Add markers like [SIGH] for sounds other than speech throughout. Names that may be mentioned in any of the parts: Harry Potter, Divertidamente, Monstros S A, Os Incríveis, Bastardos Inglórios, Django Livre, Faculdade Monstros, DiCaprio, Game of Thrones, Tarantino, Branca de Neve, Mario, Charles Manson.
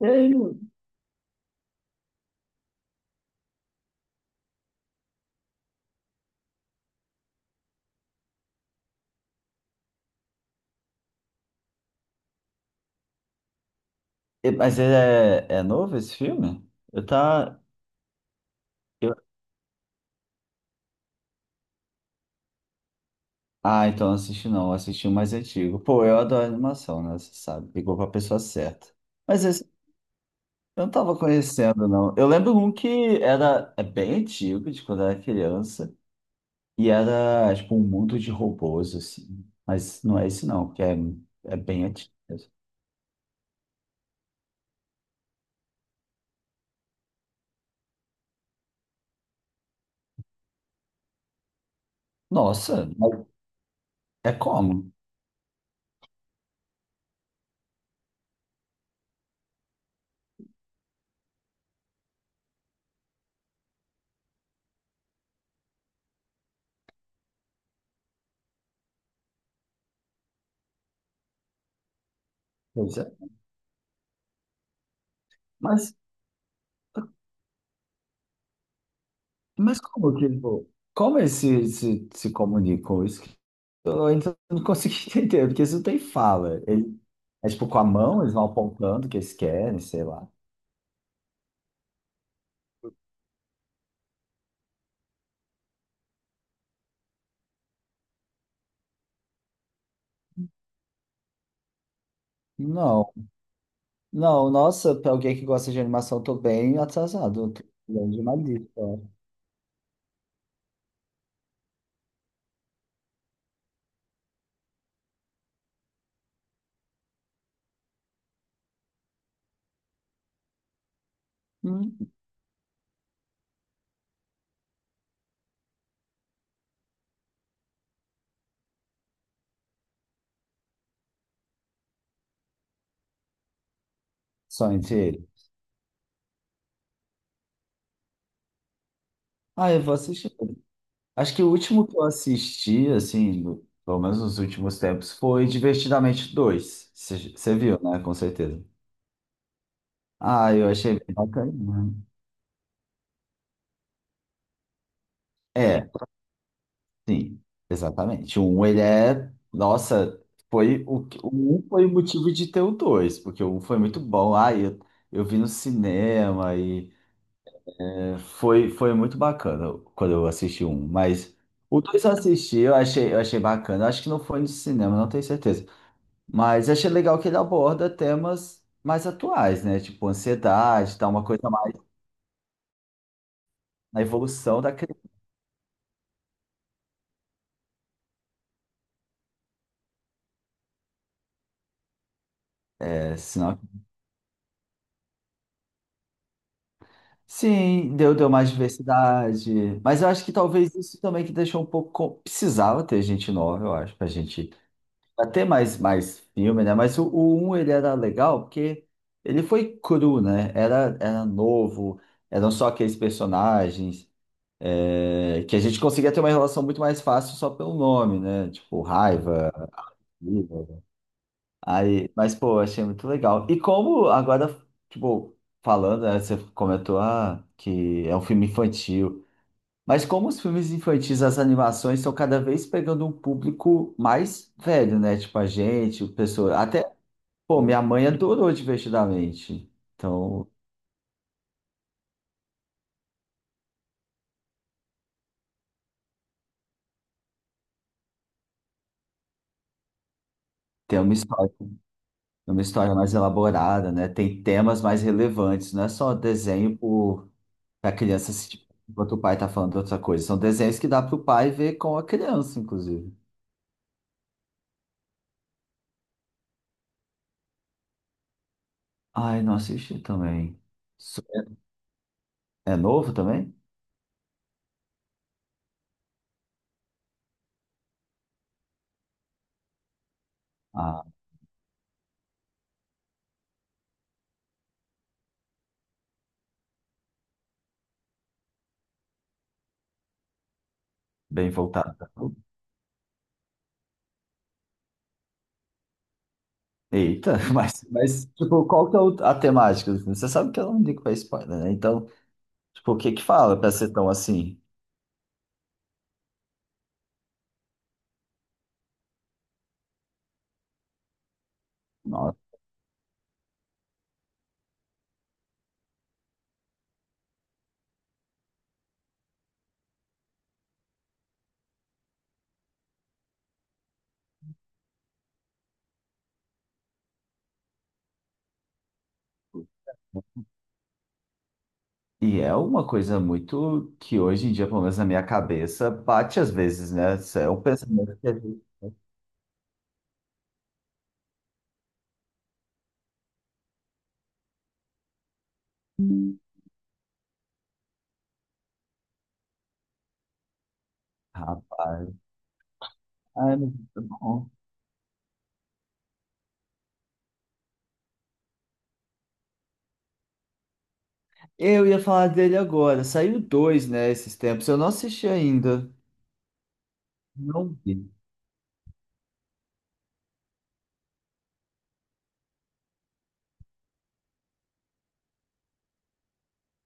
E aí, mas ele é novo esse filme? Eu tá. Ah, então não assisti não, eu assisti o mais antigo. Pô, eu adoro animação, né? Você sabe, pegou pra pessoa certa. Mas esse eu não tava conhecendo, não. Eu lembro um que era é bem antigo, de quando eu era criança, e era tipo um mundo de robôs, assim. Mas não é esse não, que é, é bem antigo mesmo. Nossa, mas é como? Pois é. Mas, mas como que, pô, como eles se comunicam? Isso eu ainda não consegui [LAUGHS] entender, porque isso não tem fala. Ele, é tipo com a mão, eles vão apontando o que eles querem, sei lá. Não, não, nossa, pra alguém que gosta de animação, eu tô bem atrasado. Eu tô precisando de uma lista, ó. Hum. Só entre ele. Ah, eu vou assistir. Acho que o último que eu assisti, assim, pelo menos nos últimos tempos, foi Divertidamente dois. Você viu, né? Com certeza. Ah, eu achei bem bacana, né? É, sim, exatamente. O um, ele é. Nossa, foi o um foi o motivo de ter o dois, porque o um foi muito bom. Eu vi no cinema e foi muito bacana quando eu assisti o um. Mas o dois eu assisti, eu achei bacana. Acho que não foi no cinema, não tenho certeza. Mas achei legal que ele aborda temas mais atuais, né? Tipo ansiedade, tá? Uma coisa mais na evolução da criança. Sim, deu mais diversidade. Mas eu acho que talvez isso também que deixou um pouco. Precisava ter gente nova, eu acho, pra ter mais, mais filme, né? Mas o um ele era legal porque ele foi cru, né? Era novo, eram só aqueles personagens é, que a gente conseguia ter uma relação muito mais fácil só pelo nome, né? Tipo, raiva. Aí, mas, pô, achei muito legal. E como agora, tipo, falando, né, você comentou, ah, que é um filme infantil. Mas como os filmes infantis, as animações estão cada vez pegando um público mais velho, né? Tipo, a gente, o pessoal. Até, pô, minha mãe adorou Divertidamente. Então, tem uma história mais elaborada, né? Tem temas mais relevantes, não é só desenho por, pra criança se. Enquanto o pai tá falando outra coisa. São desenhos que dá pro pai ver com a criança, inclusive. Ai, não assisti também. So- É novo também? Ah, bem voltado. Eita, [LAUGHS] mas tipo, qual que é a temática do filme? Você sabe que eu não ligo pra spoiler, né? Então, tipo, o que que fala pra ser tão assim? Nossa. E é uma coisa muito que hoje em dia, pelo menos na minha cabeça, bate às vezes, né? Isso é um pensamento que a gente... Rapaz, ai, mas tá bom. Eu ia falar dele agora. Saiu dois, né, esses tempos. Eu não assisti ainda. Não vi.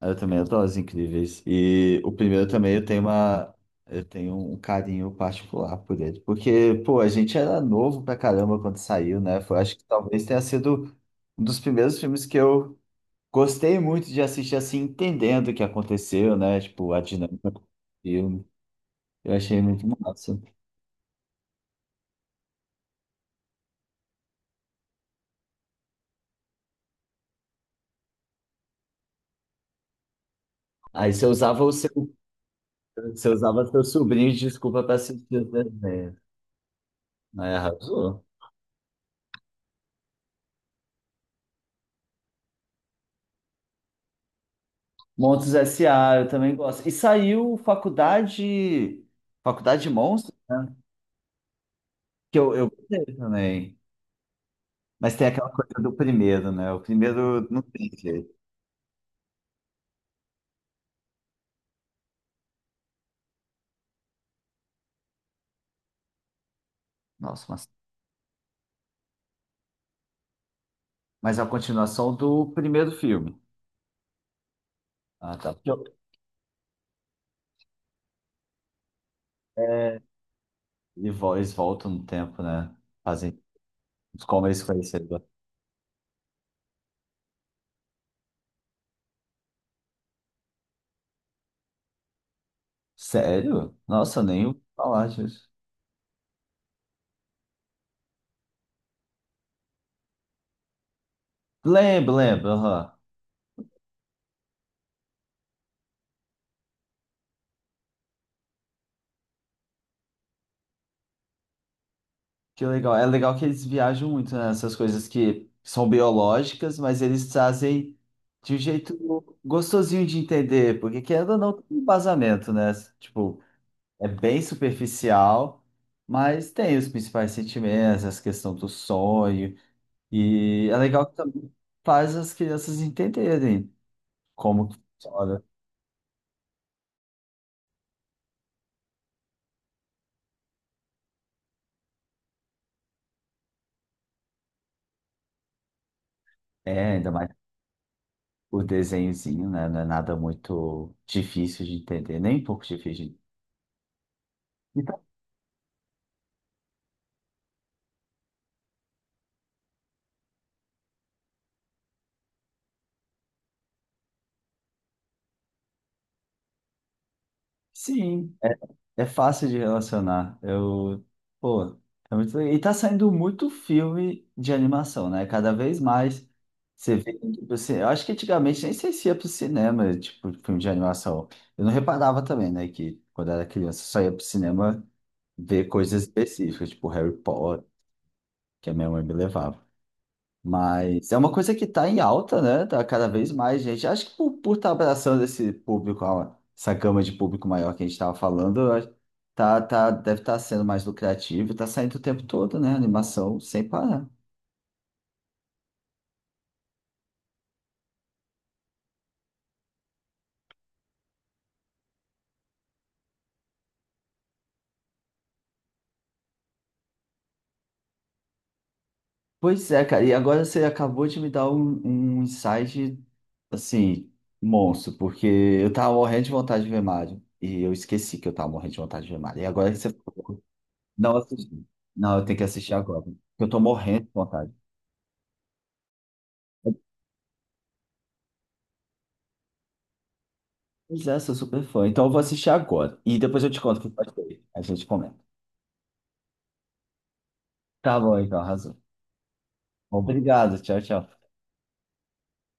Eu também adoro Os Incríveis. E o primeiro também eu tenho uma. Eu tenho um carinho particular por ele. Porque, pô, a gente era novo pra caramba quando saiu, né? Foi, acho que talvez tenha sido um dos primeiros filmes que eu gostei muito de assistir, assim, entendendo o que aconteceu, né? Tipo, a dinâmica do filme. Eu achei muito massa. Aí você usava o seu, você usava seu sobrinho de desculpa pra assistir o desenho. Aí arrasou. Monstros S A eu também gosto. E saiu Faculdade, Faculdade Monstros, né? Que eu gostei também. Mas tem aquela coisa do primeiro, né? O primeiro não tem jeito. Nossa, mas é a continuação do primeiro filme. Ah, tá. É, e eles voltam no tempo, né? Fazem os como eles conheceram. Sério? Nossa, eu nem ouvi falar disso. Lembro, lembro, aham. Que legal. É legal que eles viajam muito nessas coisas que são biológicas, mas eles trazem de um jeito gostosinho de entender, porque querendo ou não, tem um embasamento, né? Tipo, é bem superficial, mas tem os principais sentimentos, essa questão do sonho, e é legal que também faz as crianças entenderem como que funciona. É, ainda mais o desenhozinho, né? Não é nada muito difícil de entender, nem um pouco difícil. Sim. É, é fácil de relacionar. Eu, pô, é muito... legal. E tá saindo muito filme de animação, né? Cada vez mais você vê eu acho que antigamente nem sei se ia pro cinema, tipo, filme de animação. Eu não reparava também, né? Que quando era criança só ia pro cinema ver coisas específicas, tipo Harry Potter, que a minha mãe me levava. Mas é uma coisa que está em alta, né? Tá cada vez mais gente. Acho que por estar abraçando esse público, essa gama de público maior que a gente estava falando, tá, tá, deve estar sendo mais lucrativo, tá saindo o tempo todo, né? Animação sem parar. E agora você acabou de me dar um insight, assim, monstro, porque eu tava morrendo de vontade de ver Mario, e eu esqueci que eu tava morrendo de vontade de ver Mario, e agora que você falou, não assisti. Não, eu tenho que assistir agora, porque eu tô morrendo de vontade. Pois é, sou super fã. Então eu vou assistir agora. E depois eu te conto o que eu achei. A gente comenta. Tá bom, então, arrasou. Obrigado, tchau, tchau.